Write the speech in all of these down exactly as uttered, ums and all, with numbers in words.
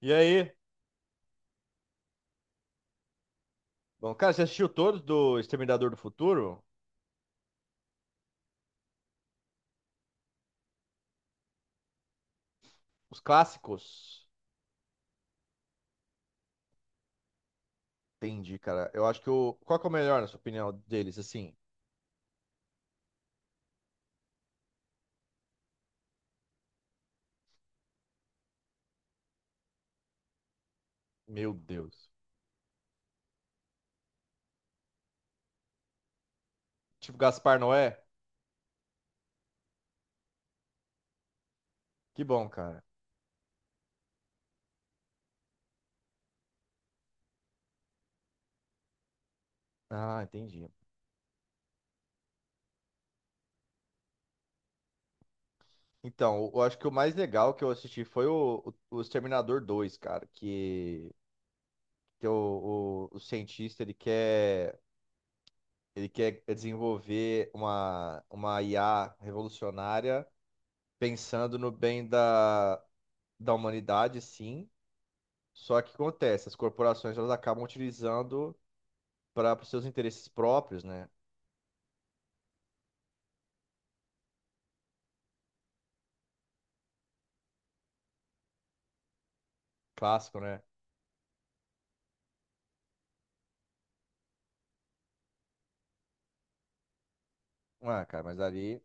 E aí? Bom, cara, você assistiu todos do Exterminador do Futuro? Os clássicos? Entendi, cara. Eu acho que o. Qual que é o melhor, na sua opinião, deles, assim? Meu Deus. Tipo Gaspar Noé? Que bom, cara. Ah, entendi. Então, eu acho que o mais legal que eu assisti foi o, o, o Exterminador dois, cara, que, que o, o, o cientista, ele quer, ele quer desenvolver uma, uma I A revolucionária pensando no bem da, da humanidade, sim. Só que acontece, as corporações elas acabam utilizando para os seus interesses próprios, né? Clássico, né? Ah, cara, mas ali.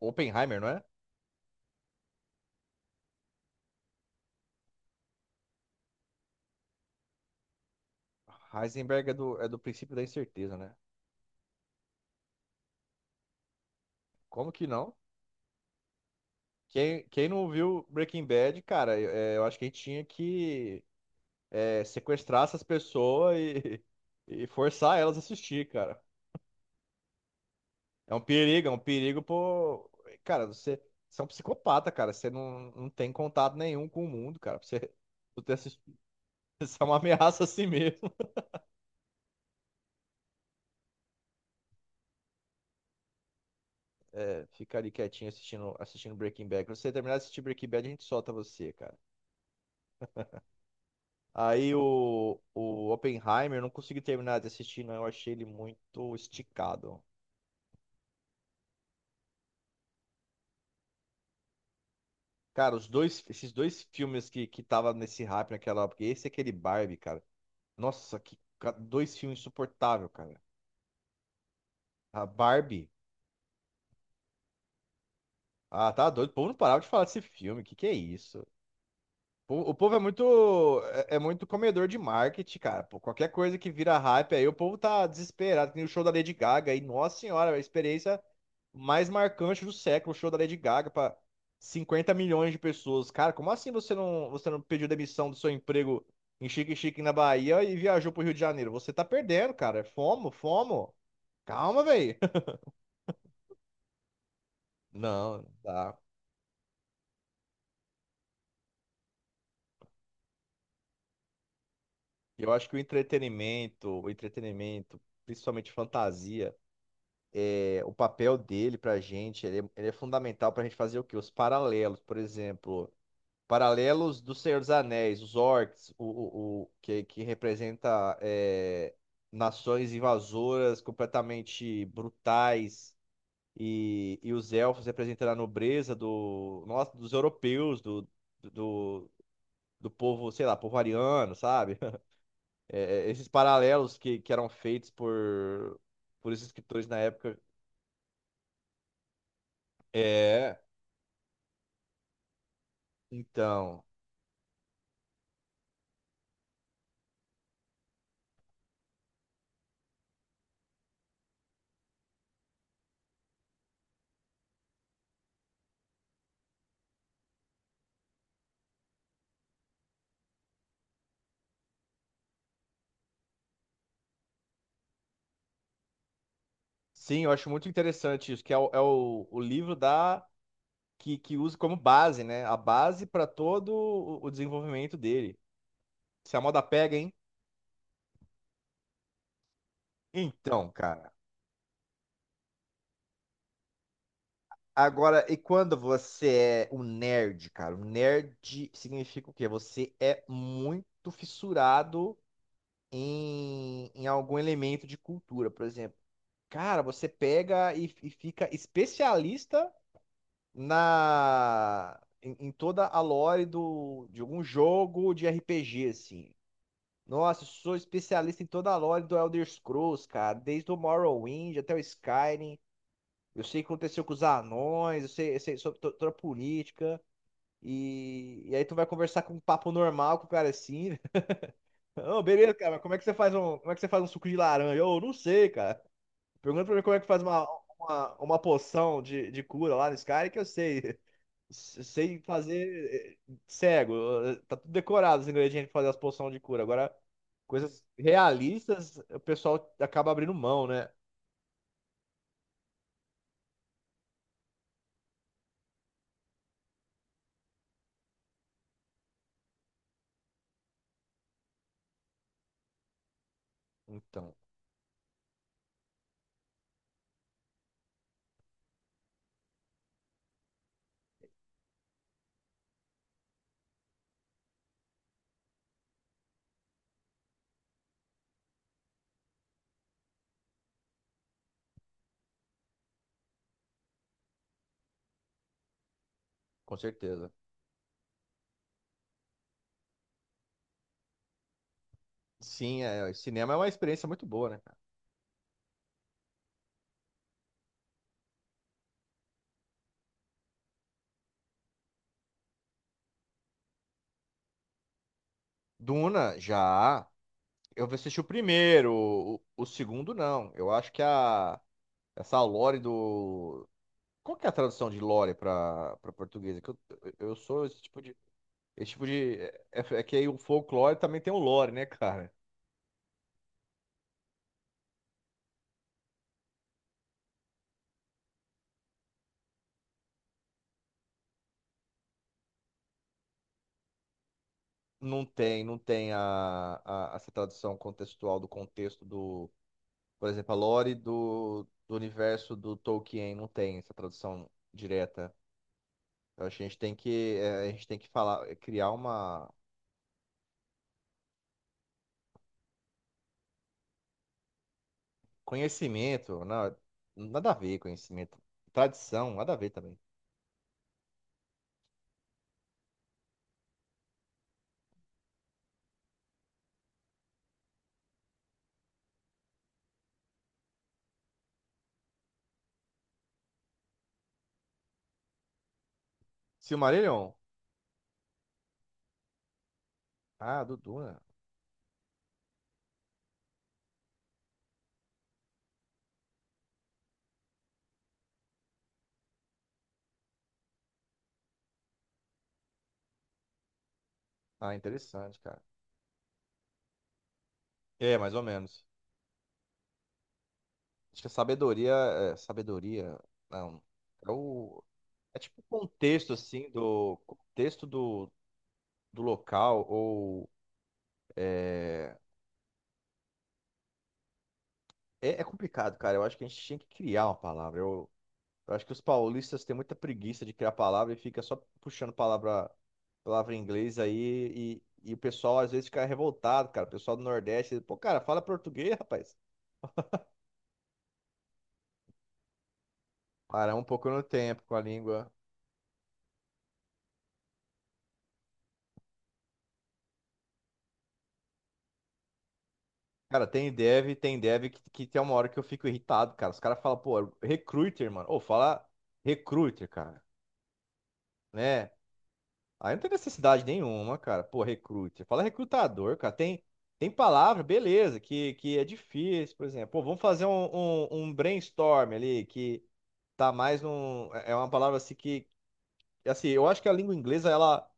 Oppenheimer, não é? Heisenberg é do, é do princípio da incerteza, né? Como que não? Quem, quem não viu Breaking Bad, cara, eu é, eu acho que a gente tinha que é, sequestrar essas pessoas e e forçar elas a assistir, cara. É um perigo, é um perigo, pô. Cara, você, você é um psicopata, cara. Você não, não tem contato nenhum com o mundo, cara. Pra você, tu ter isso é uma ameaça assim mesmo. É, fica ali quietinho assistindo, assistindo Breaking Bad. Quando você terminar de assistir Breaking Bad, a gente solta você, cara. Aí o, o Oppenheimer, eu não consegui terminar de assistir, não. Eu achei ele muito esticado. Cara, os dois, esses dois filmes que, que tava nesse hype naquela época, esse e aquele Barbie, cara. Nossa, que ca- dois filmes insuportáveis, cara. A Barbie. Ah, tá doido. O povo não parava de falar desse filme. Que que é isso? Po- O povo é muito, é é muito comedor de marketing, cara. Pô, qualquer coisa que vira hype aí, o povo tá desesperado. Tem o show da Lady Gaga aí, nossa senhora, a experiência mais marcante do século, o show da Lady Gaga pra cinquenta milhões de pessoas. Cara, como assim você não, você não pediu demissão do seu emprego em Xique-Xique na Bahia e viajou pro Rio de Janeiro? Você tá perdendo, cara. É Fomo, fomo. Calma, velho. Não, não dá. Eu acho que o entretenimento, o entretenimento, principalmente fantasia. É, o papel dele pra gente, ele é, ele é fundamental pra gente fazer o quê? Os paralelos, por exemplo, paralelos do Senhor dos Anéis, os orcs, o, o, o- que, que representa é, nações invasoras completamente brutais, e, e os elfos representando a nobreza do, nossa, dos europeus, do, do, do povo, sei lá, povo ariano, sabe? é, esses paralelos que, que eram feitos por, por esses escritores na época. É, então. Sim, eu acho muito interessante isso, que é o, é o, o livro da que, que usa como base, né? A base para todo o, o desenvolvimento dele. Se a moda pega, hein? Então, cara. Agora, e quando você é um nerd, cara? Um nerd significa o quê? Você é muito fissurado em, em algum elemento de cultura, por exemplo. Cara, você pega e, e fica especialista na em, em toda a lore do, de algum jogo de R P G, assim. Nossa, eu sou especialista em toda a lore do Elder Scrolls, cara. Desde o Morrowind até o Skyrim. Eu sei o que aconteceu com os anões, eu sei, eu sei sobre to- toda a política. E, e aí tu vai conversar com um papo normal com o cara assim. Ô, beleza, cara, mas como é que você faz um, como é que você faz um suco de laranja? Eu não sei, cara. Pergunta pra mim como é que faz uma, uma, uma poção de, de cura lá no Skyrim que eu sei se- sei fazer eh, cego. eh, Tá tudo decorado os ingredientes pra fazer as poções de cura. Agora, coisas realistas, o pessoal acaba abrindo mão, né? Então, com certeza. Sim, é, o cinema é uma experiência muito boa, né, cara? Duna, já. Eu assisti o primeiro, o, o segundo não. Eu acho que a essa lore do. Qual que é a tradução de lore para para português? É que eu, eu sou esse tipo de. Esse tipo de. É, é que aí o folclore também tem o lore, né, cara? Não tem, não tem a, a- essa tradução contextual do contexto do, por exemplo, a lore do, do universo do Tolkien não tem essa tradução direta. Eu acho que a gente tem que, eh, a gente tem que falar, eh, criar uma conhecimento, não, nada a ver conhecimento, tradição, nada a ver também. Silmarillion? Ah, do Duna. Ah, interessante, cara. É, mais ou menos. Acho que a sabedoria, é, sabedoria, não, é o é tipo o contexto assim do contexto do do local ou é... é é complicado, cara. Eu acho que a gente tinha que criar uma palavra. Eu, eu acho que os paulistas têm muita preguiça de criar palavra e fica só puxando palavra palavra em inglês aí e, e o pessoal às vezes fica revoltado, cara. O pessoal do Nordeste, pô, cara, fala português, rapaz. Parar um pouco no tempo com a língua. Cara, tem dev, tem dev que, que tem uma hora que eu fico irritado, cara. Os caras falam, pô, recruiter, mano. Ou fala recruiter, cara, né? Aí não tem necessidade nenhuma, cara. Pô, recrute. Fala recrutador, cara. Tem, tem palavra, beleza, que, que é difícil, por exemplo. Pô, vamos fazer um, um, um brainstorm ali, que tá mais num. É é uma palavra assim que. Assim, eu acho que a língua inglesa, ela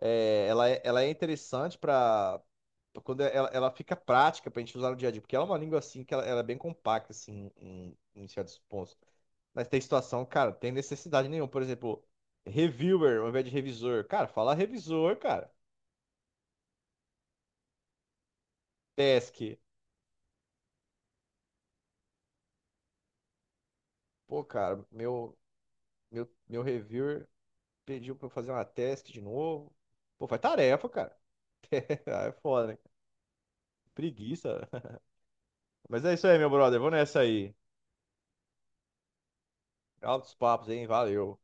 é, ela é, ela é interessante pra. Pra quando ela, ela fica prática pra gente usar no dia a dia, porque ela é uma língua assim que ela, ela é bem compacta, assim, em, em certos pontos. Mas tem situação, cara, tem necessidade nenhuma. Por exemplo, reviewer ao invés de revisor. Cara, fala revisor, cara. Task. Pô, cara, meu, meu, meu reviewer pediu pra eu fazer uma task de novo. Pô, faz tarefa, cara. Ah, é foda, né? Preguiça. Mas é isso aí, meu brother. Vou nessa aí. Altos papos, hein? Valeu.